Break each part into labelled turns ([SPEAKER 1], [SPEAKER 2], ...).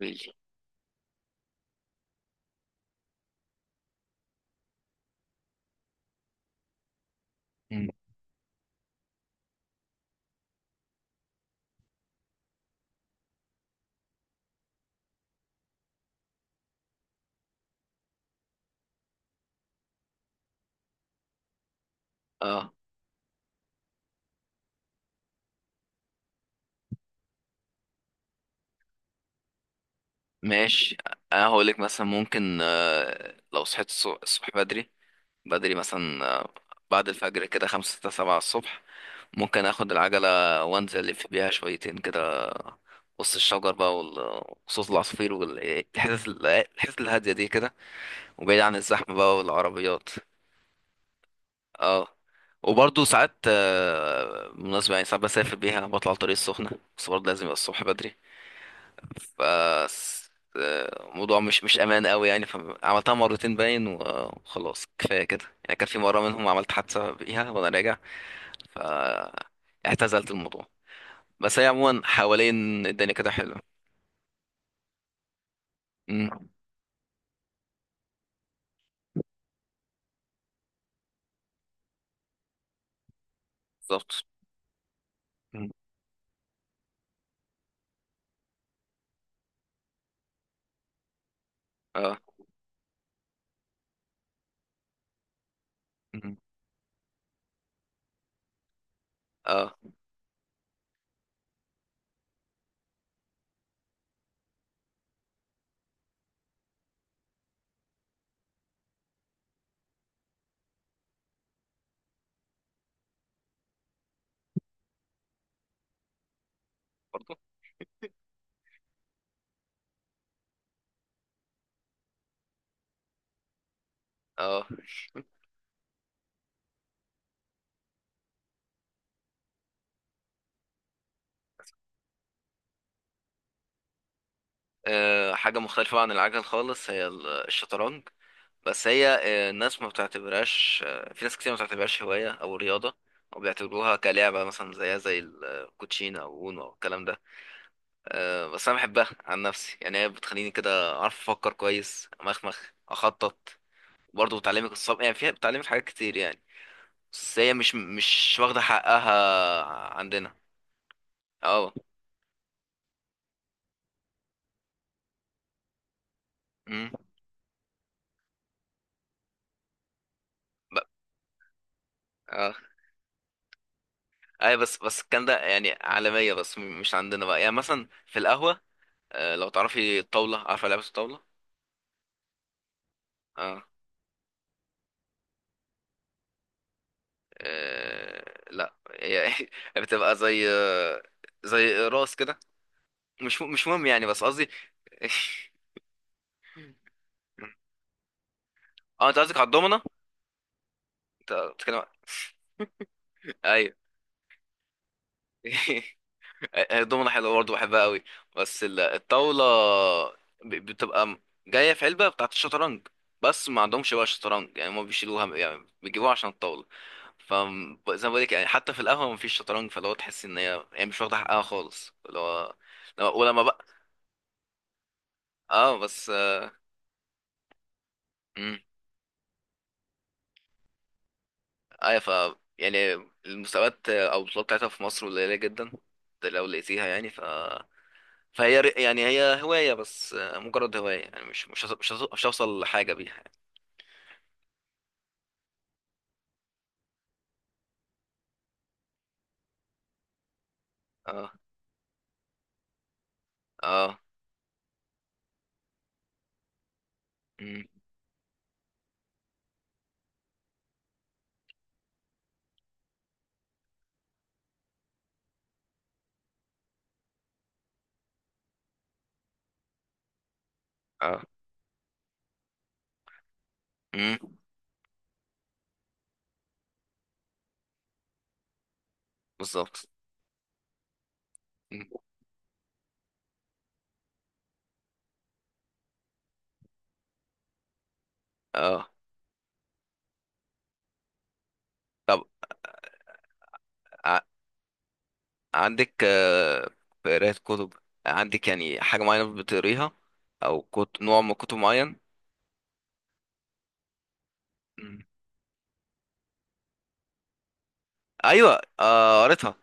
[SPEAKER 1] بالليل. مم. اه، ماشي. انا هقولك مثلا، ممكن لو صحيت الصبح بدري. بدري مثلا، بعد الفجر كده، 5 6 7 الصبح، ممكن اخد العجلة وانزل الف بيها شويتين كده وسط الشجر بقى وصوت العصافير والحتت الهادية دي كده، وبعيد عن الزحمة بقى والعربيات. اه. وبرضه ساعات، بالمناسبة يعني، ساعات بسافر بيها بطلع على الطريق السخنة، بس برضه لازم يبقى الصبح بدري. ف الموضوع مش امان قوي يعني، فعملتها مرتين باين وخلاص، كفايه كده يعني. كان في مره منهم عملت حادثه بيها وانا راجع، ف اعتزلت الموضوع. بس هي عموما حوالين الدنيا كده حلوه. أمم، بالظبط. أمم، اه. أمم، اه. برضه. اه. حاجه مختلفه عن العجل خالص، هي الشطرنج. بس هي، الناس ما بتعتبرهاش، في ناس كتير ما بتعتبرهاش هواية أو رياضة، أو بيعتبروها كلعبة مثلا، زيها زي الكوتشينة أو أونو أو الكلام ده. بس أنا بحبها عن نفسي، يعني هي بتخليني كده أعرف أفكر كويس، أمخمخ، أخطط. برضه بتعلمك الصبر، يعني فيها بتعلمك حاجات كتير يعني. بس هي مش واخدة حقها عندنا. اه. مم. ب- اه، اي، بس الكلام ده يعني، عالمية بس مش عندنا بقى، يعني مثلا في القهوة. لو تعرفي الطاولة، عارفة لعبة الطاولة؟ اه. آه، لا، هي بتبقى زي راس كده. مش مهم يعني، بس قصدي اه، انت قصدك على الضمنه انت بتتكلم. ايوه. الضمنه حلوه برضه، بحبها قوي. بس الطاوله بتبقى جايه في علبه بتاعت الشطرنج، بس ما عندهمش بقى شطرنج يعني، هم بيشيلوها يعني، بيجيبوها عشان الطاوله. فزي ما بقولك يعني، حتى في القهوه ما فيش شطرنج، فاللي هو تحس ان هي يعني مش واخده حقها خالص، اللي هو، ولما بقى، اه بس، امم، ايوه، ف يعني المستويات او البطولات بتاعتها في مصر قليله جدا، ده لو لقيتيها يعني. فهي يعني هي هوايه بس، مجرد هوايه يعني، مش هوصل لحاجه بيها يعني. اه. اه. امم. اه. امم. بالظبط. مم. اه. طب، ع... عندك، في قرايه كتب؟ عندك يعني حاجه معينه بتقريها، او نوع من كتب معين؟ مم. ايوه، قريتها.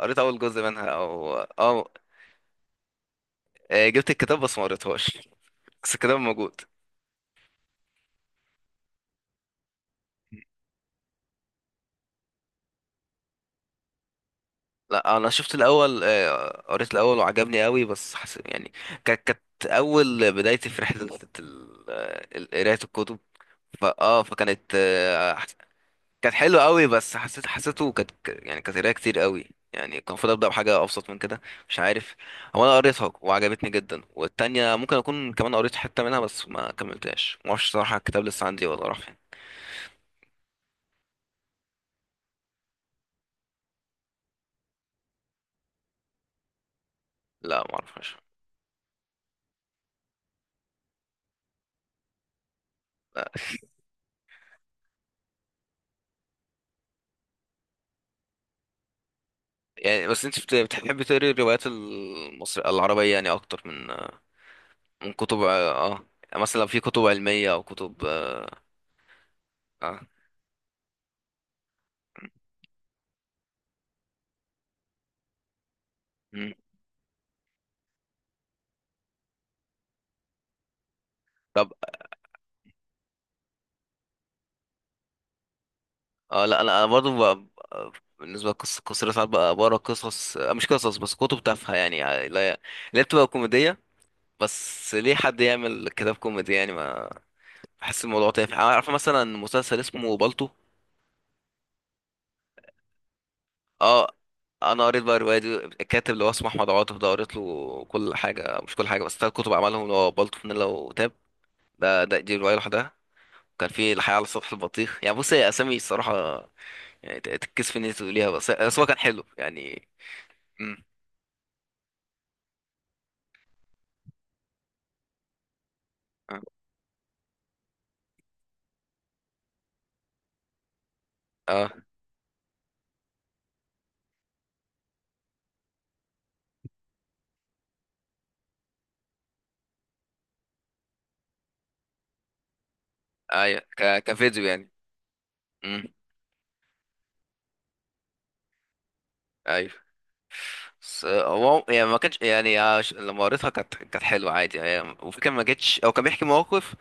[SPEAKER 1] قريت اول جزء منها او اه، جبت الكتاب بس ما قريتهاش، بس كده موجود. لا، انا شفت الاول، قريت الاول وعجبني قوي، بس يعني كانت اول بدايتي في رحله قرايه الكتب. فا اه فكانت كانت حلوه قوي، بس حسيت، حسيته كانت يعني كانت قرايه كتير قوي، يعني كان المفروض ابدا بحاجه ابسط من كده. مش عارف، هو انا قريتها وعجبتني جدا، والتانية ممكن اكون كمان قريت حته منها بس ما كملتهاش، ما اعرفش صراحه الكتاب لسه عندي ولا راح فين. لا، ما اعرفش. يعني بس انت بتحبي تقري الروايات المصرية العربية يعني اكتر من كتب، اه، يعني مثلا في كتب علمية او كتب؟ اه. مم. طب اه. لا، انا برضو بالنسبة لقصة قصيرة، ساعات بقى بقرا قصص، مش قصص بس، كتب تافهة يعني، لا اللي هي بتبقى كوميدية. بس ليه حد يعمل كتاب كوميدي يعني؟ ما، بحس الموضوع تافه. عارفة مثلا مسلسل اسمه بالطو؟ اه، انا قريت بقى الروايه دي. الكاتب اللي هو اسمه احمد عاطف ده، قريت له كل حاجه، مش كل حاجه بس، 3 كتب عملهم، اللي هو بالطو، فانيلا، وتاب. ده, ده دي روايه لوحدها. كان في الحياه على سطح البطيخ. يعني بص، هي اسامي الصراحه يعني تتكسف ان انت تقوليها، بس هو كان حلو يعني. امم. اه. آه، ايوه، كفيديو يعني. امم. ايوه. بس، هو يعني ما كانش يعني لما قريتها كانت حلوه عادي يعني، وفي كان ما جتش، او كان بيحكي مواقف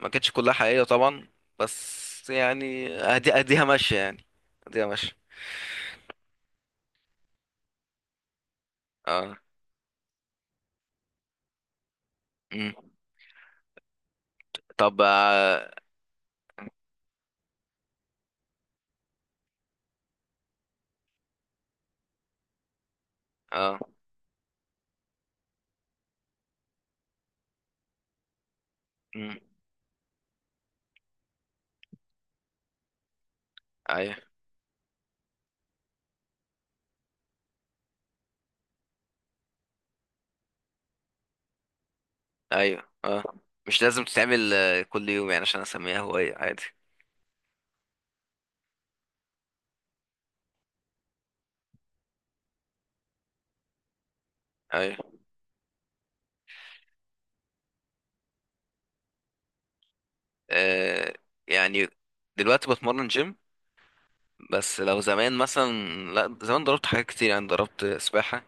[SPEAKER 1] ما كانتش كلها حقيقية طبعا. بس يعني، اديها ماشية يعني، اديها ماشية. اه. مم. طب اه. آه. مم. ايوه. ايوه. اه، مش لازم تتعمل كل يوم يعني عشان اسميها هواية، عادي. ايوه. آه. يعني دلوقتي بتمرن جيم، بس لو زمان مثلا، لا، زمان ضربت حاجات كتير يعني. ضربت سباحة،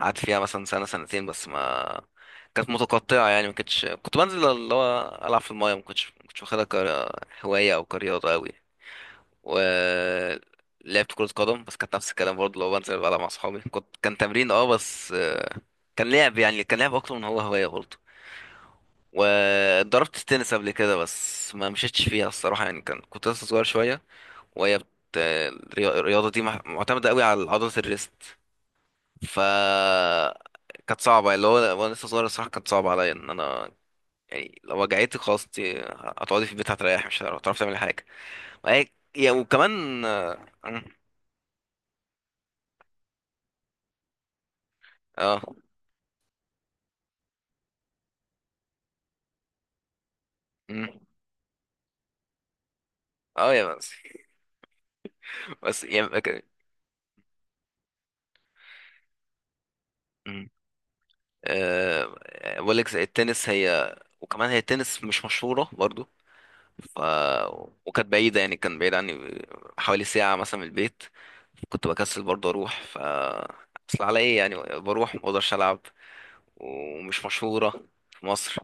[SPEAKER 1] قعدت فيها مثلا سنة سنتين بس ما كانت متقطعة يعني، ما كنتش، كنت بنزل اللي هو ألعب في الماية، ما كنتش واخدها كهواية أو كرياضة أوي. و لعبت كرة قدم، بس كانت نفس الكلام برضه، لو بنزل بلعب مع أصحابي كنت، كان تمرين اه، بس، كان لعب يعني، كان لعب أكتر من هو هواية برضه. وضربت التنس قبل كده، بس ما مشيتش فيها الصراحة يعني، كان كنت لسه صغير شوية. وهي بت... الرياضة دي معتمدة أوي على عضلة الريست. ف كانت صعبة اللي هو، وانا لسه صغير الصراحة كانت صعبة عليا ان انا، يعني لو وجعتك خلاص، انت هتقعدي في البيت هتريحي، مش هتعرفي تعملي حاجة. وهي- يا وكمان اه. اه. مم. آه، يا بس بس يعني مم. آه، بقول لك التنس هي، وكمان هي، التنس مش مشهورة برضو، ف وكانت بعيدة يعني، كان بعيد عني حوالي ساعة مثلا من البيت، كنت بكسل برضه اروح. ف اصل على ايه يعني، بروح ما اقدرش العب، ومش مشهورة في مصر.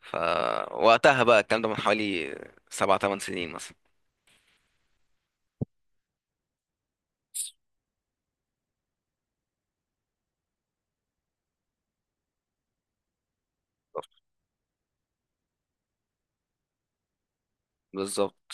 [SPEAKER 1] فوقتها بقى الكلام ده من حوالي 7 8 سنين مثلا. بالظبط.